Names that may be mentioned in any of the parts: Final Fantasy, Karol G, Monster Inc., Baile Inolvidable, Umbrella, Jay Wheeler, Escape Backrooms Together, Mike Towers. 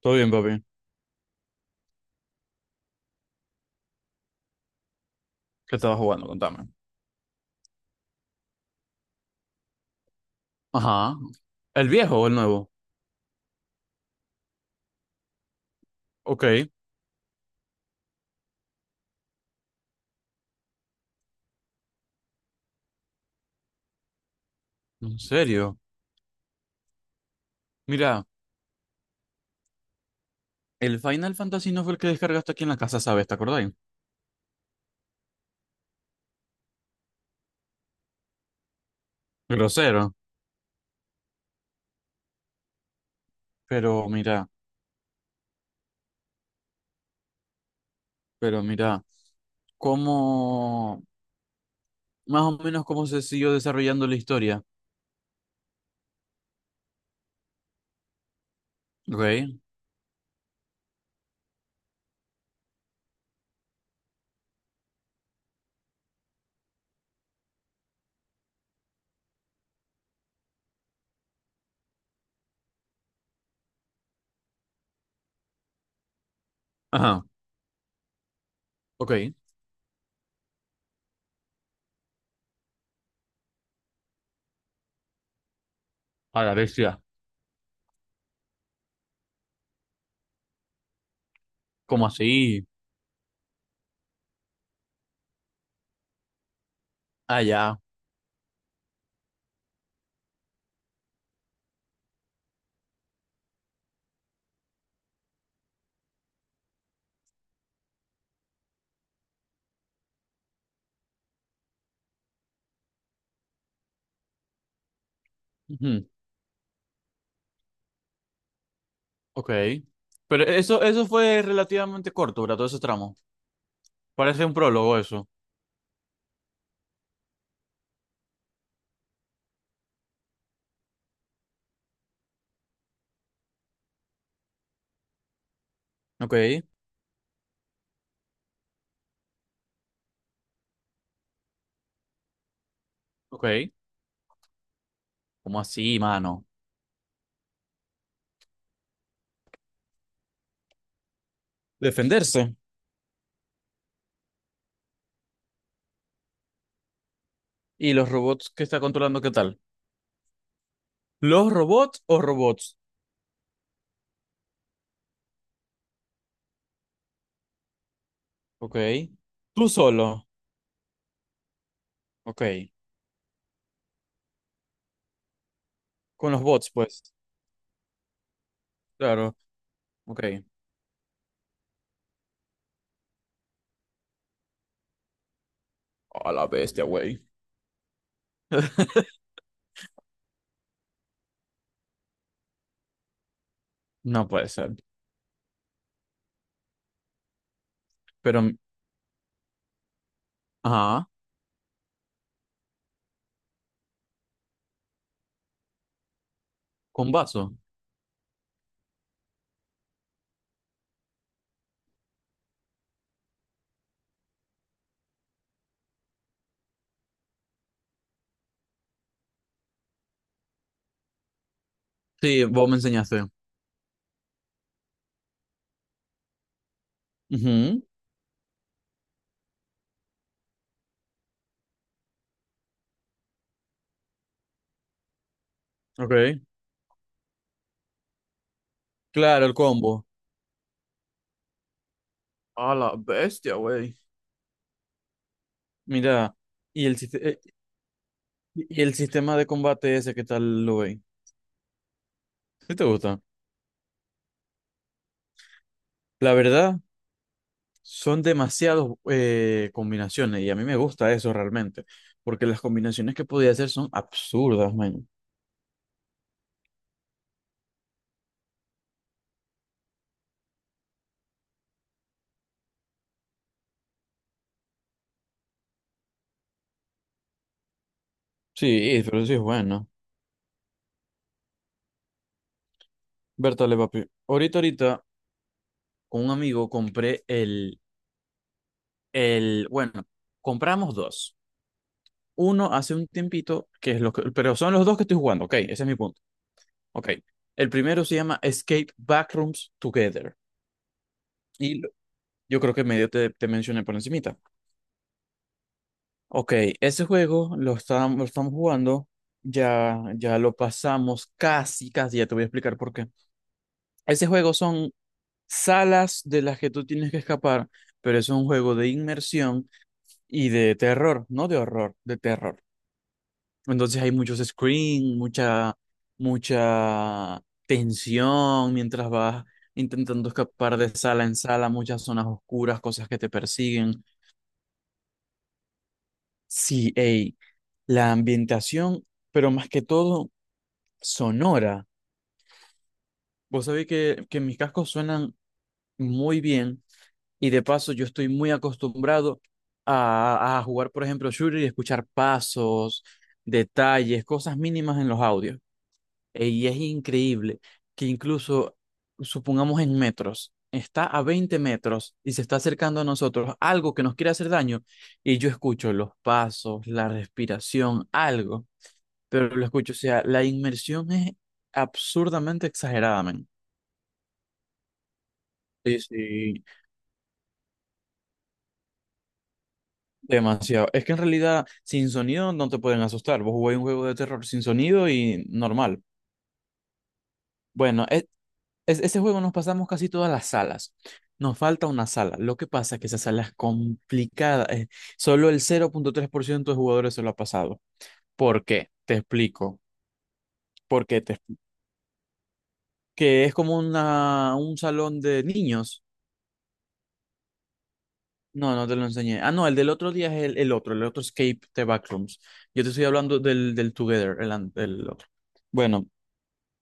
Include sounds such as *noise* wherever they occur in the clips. Todo bien, papi. ¿Qué estabas jugando? Contame. Ajá. ¿El viejo o el nuevo? Ok. ¿En serio? Mira, el Final Fantasy no fue el que descargaste aquí en la casa, ¿sabes? ¿Te acordáis? Grosero. Pero mira, pero mira, cómo, más o menos cómo se siguió desarrollando la historia. Ok. Ajá. Ok. A la bestia. ¿Cómo así? Allá. Ujú. Ok. Pero eso fue relativamente corto, ¿verdad? Todo ese tramo. Parece un prólogo eso. Ok. Ok. ¿Cómo así, mano? Defenderse. ¿Y los robots que está controlando qué tal? ¿Los robots o robots? Ok. Tú solo. Ok. Con los bots, pues. Claro. Ok. A la bestia, güey. *laughs* No puede ser. Pero, ajá, con vaso. Sí, vos me enseñaste. Ujú, Ok. Claro, el combo. A la bestia, güey. Mira, y el, siste- eh, y el sistema de combate ese, ¿qué tal lo veis? ¿Sí te gusta? La verdad, son demasiadas combinaciones y a mí me gusta eso realmente, porque las combinaciones que podía hacer son absurdas, man. Sí, pero sí es bueno. Bertale, papi. Ahorita, con un amigo compré bueno, compramos dos. Uno hace un tiempito, que es lo que, pero son los dos que estoy jugando, ok, ese es mi punto, ok. El primero se llama Escape Backrooms Together y yo creo que medio te mencioné por encima. Ok, ese juego lo estábamos, lo estamos jugando, ya lo pasamos casi, casi, ya te voy a explicar por qué. Ese juego son salas de las que tú tienes que escapar, pero es un juego de inmersión y de terror, no de horror, de terror. Entonces hay muchos screams, mucha, mucha tensión mientras vas intentando escapar de sala en sala, muchas zonas oscuras, cosas que te persiguen. Sí, ey, la ambientación, pero más que todo Sonora. Vos sabéis que mis cascos suenan muy bien y de paso yo estoy muy acostumbrado a jugar, por ejemplo, shooter y escuchar pasos, detalles, cosas mínimas en los audios. Y es increíble que incluso, supongamos en metros, está a 20 metros y se está acercando a nosotros algo que nos quiere hacer daño y yo escucho los pasos, la respiración, algo, pero lo escucho, o sea, la inmersión es absurdamente exagerada, men. Sí, sí, demasiado. Es que en realidad sin sonido no te pueden asustar. Vos jugáis un juego de terror sin sonido y normal. Bueno, ese juego nos pasamos casi todas las salas. Nos falta una sala. Lo que pasa es que esa sala es complicada. Solo el 0,3% de jugadores se lo ha pasado. ¿Por qué? Te explico. Porque que es como una, un salón de niños. No, no te lo enseñé. Ah, no, el del otro día es el otro Escape the Backrooms. Yo te estoy hablando del Together, el otro. Bueno,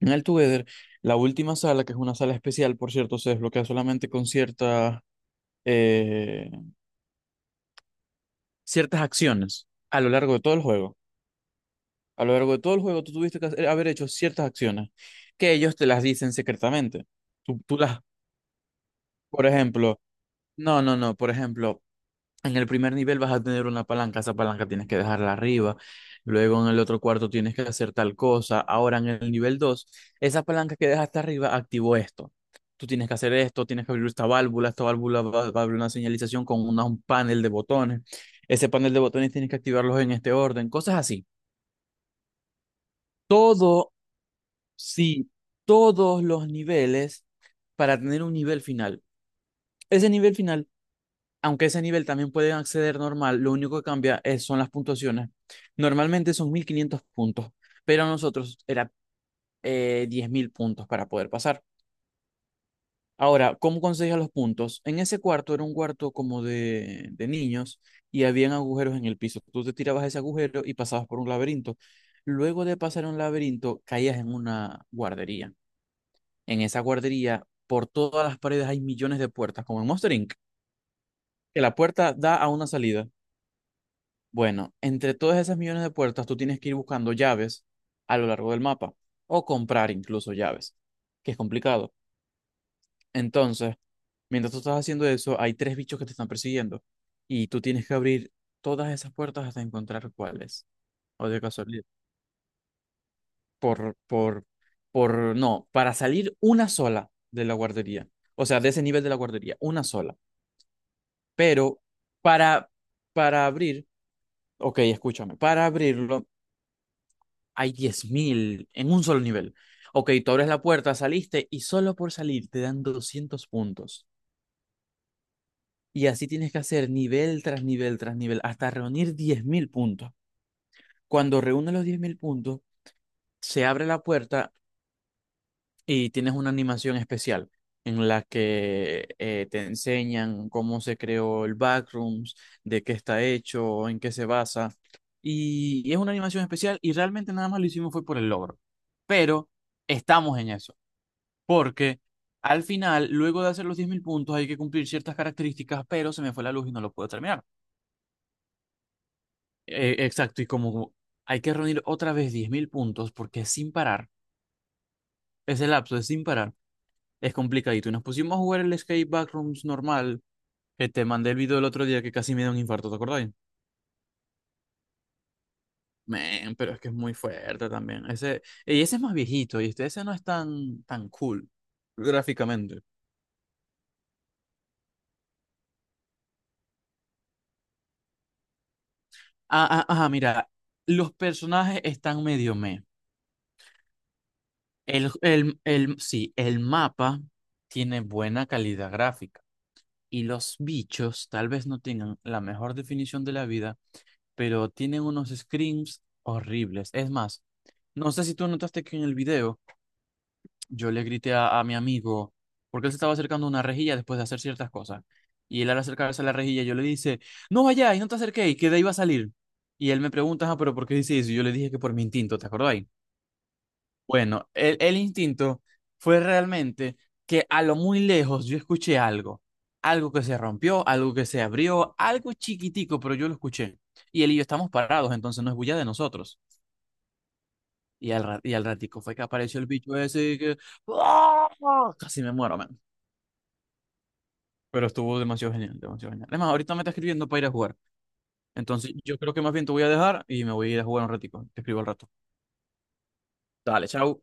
en el Together, la última sala, que es una sala especial, por cierto, se desbloquea solamente con eh, ciertas acciones a lo largo de todo el juego. A lo largo de todo el juego, tú tuviste que haber hecho ciertas acciones que ellos te las dicen secretamente. Tú las, por ejemplo, no, no, no, por ejemplo, en el primer nivel vas a tener una palanca, esa palanca tienes que dejarla arriba, luego en el otro cuarto tienes que hacer tal cosa, ahora en el nivel 2, esa palanca que dejaste arriba activó esto. Tú tienes que hacer esto, tienes que abrir esta válvula va a abrir una señalización con un panel de botones, ese panel de botones tienes que activarlos en este orden, cosas así. Todo, sí, todos los niveles para tener un nivel final. Ese nivel final aunque ese nivel también pueden acceder normal, lo único que cambia es, son las puntuaciones. Normalmente son 1.500 puntos, pero a nosotros era 10.000 puntos para poder pasar. Ahora, ¿cómo conseguías los puntos? En ese cuarto era un cuarto como de niños y habían agujeros en el piso. Tú te tirabas a ese agujero y pasabas por un laberinto. Luego de pasar un laberinto, caías en una guardería. En esa guardería, por todas las paredes hay millones de puertas, como en Monster Inc., que la puerta da a una salida. Bueno, entre todas esas millones de puertas, tú tienes que ir buscando llaves a lo largo del mapa o comprar incluso llaves, que es complicado. Entonces, mientras tú estás haciendo eso, hay tres bichos que te están persiguiendo y tú tienes que abrir todas esas puertas hasta encontrar cuáles. O de casualidad. Por, por, no, para salir una sola de la guardería. O sea, de ese nivel de la guardería, una sola. Pero para, para abrir, ok, escúchame, para abrirlo hay 10.000 en un solo nivel. Ok, tú abres la puerta, saliste y solo por salir te dan 200 puntos. Y así tienes que hacer nivel tras nivel tras nivel hasta reunir 10.000 puntos. Cuando reúnes los 10.000 puntos, se abre la puerta y tienes una animación especial en la que te enseñan cómo se creó el Backrooms, de qué está hecho, en qué se basa. Y es una animación especial y realmente nada más lo hicimos fue por el logro. Pero estamos en eso. Porque al final, luego de hacer los 10.000 puntos, hay que cumplir ciertas características, pero se me fue la luz y no lo puedo terminar. Exacto, y como hay que reunir otra vez 10.000 puntos, porque es sin parar, ese lapso es sin parar, es complicadito. Y nos pusimos a jugar el Escape Backrooms normal, que te mandé el video el otro día que casi me da un infarto, ¿te acordáis? Men, pero es que es muy fuerte también. Ese, y ese es más viejito, y este, ese no es tan, tan cool gráficamente. Ah, ah, ah, mira, los personajes están medio meh. Sí, el mapa tiene buena calidad gráfica y los bichos tal vez no tengan la mejor definición de la vida, pero tienen unos screams horribles. Es más, no sé si tú notaste que en el video yo le grité a mi amigo porque él se estaba acercando a una rejilla después de hacer ciertas cosas. Y él al acercarse a la rejilla yo le dice, no vayáis, no te acerquéis, que de ahí va a salir. Y él me pregunta, ah, pero ¿por qué dice eso? Y yo le dije que por mi instinto, ¿te acordáis? Bueno, el instinto fue realmente que a lo muy lejos yo escuché algo, algo que se rompió, algo que se abrió, algo chiquitico, pero yo lo escuché. Y él y yo estamos parados, entonces no es bulla de nosotros. Y al ratico fue que apareció el bicho ese y que... ¡Ah! Casi me muero, man. Pero estuvo demasiado genial, demasiado genial. Además, ahorita me está escribiendo para ir a jugar. Entonces, yo creo que más bien te voy a dejar y me voy a ir a jugar un ratico. Te escribo al rato. Dale, chao.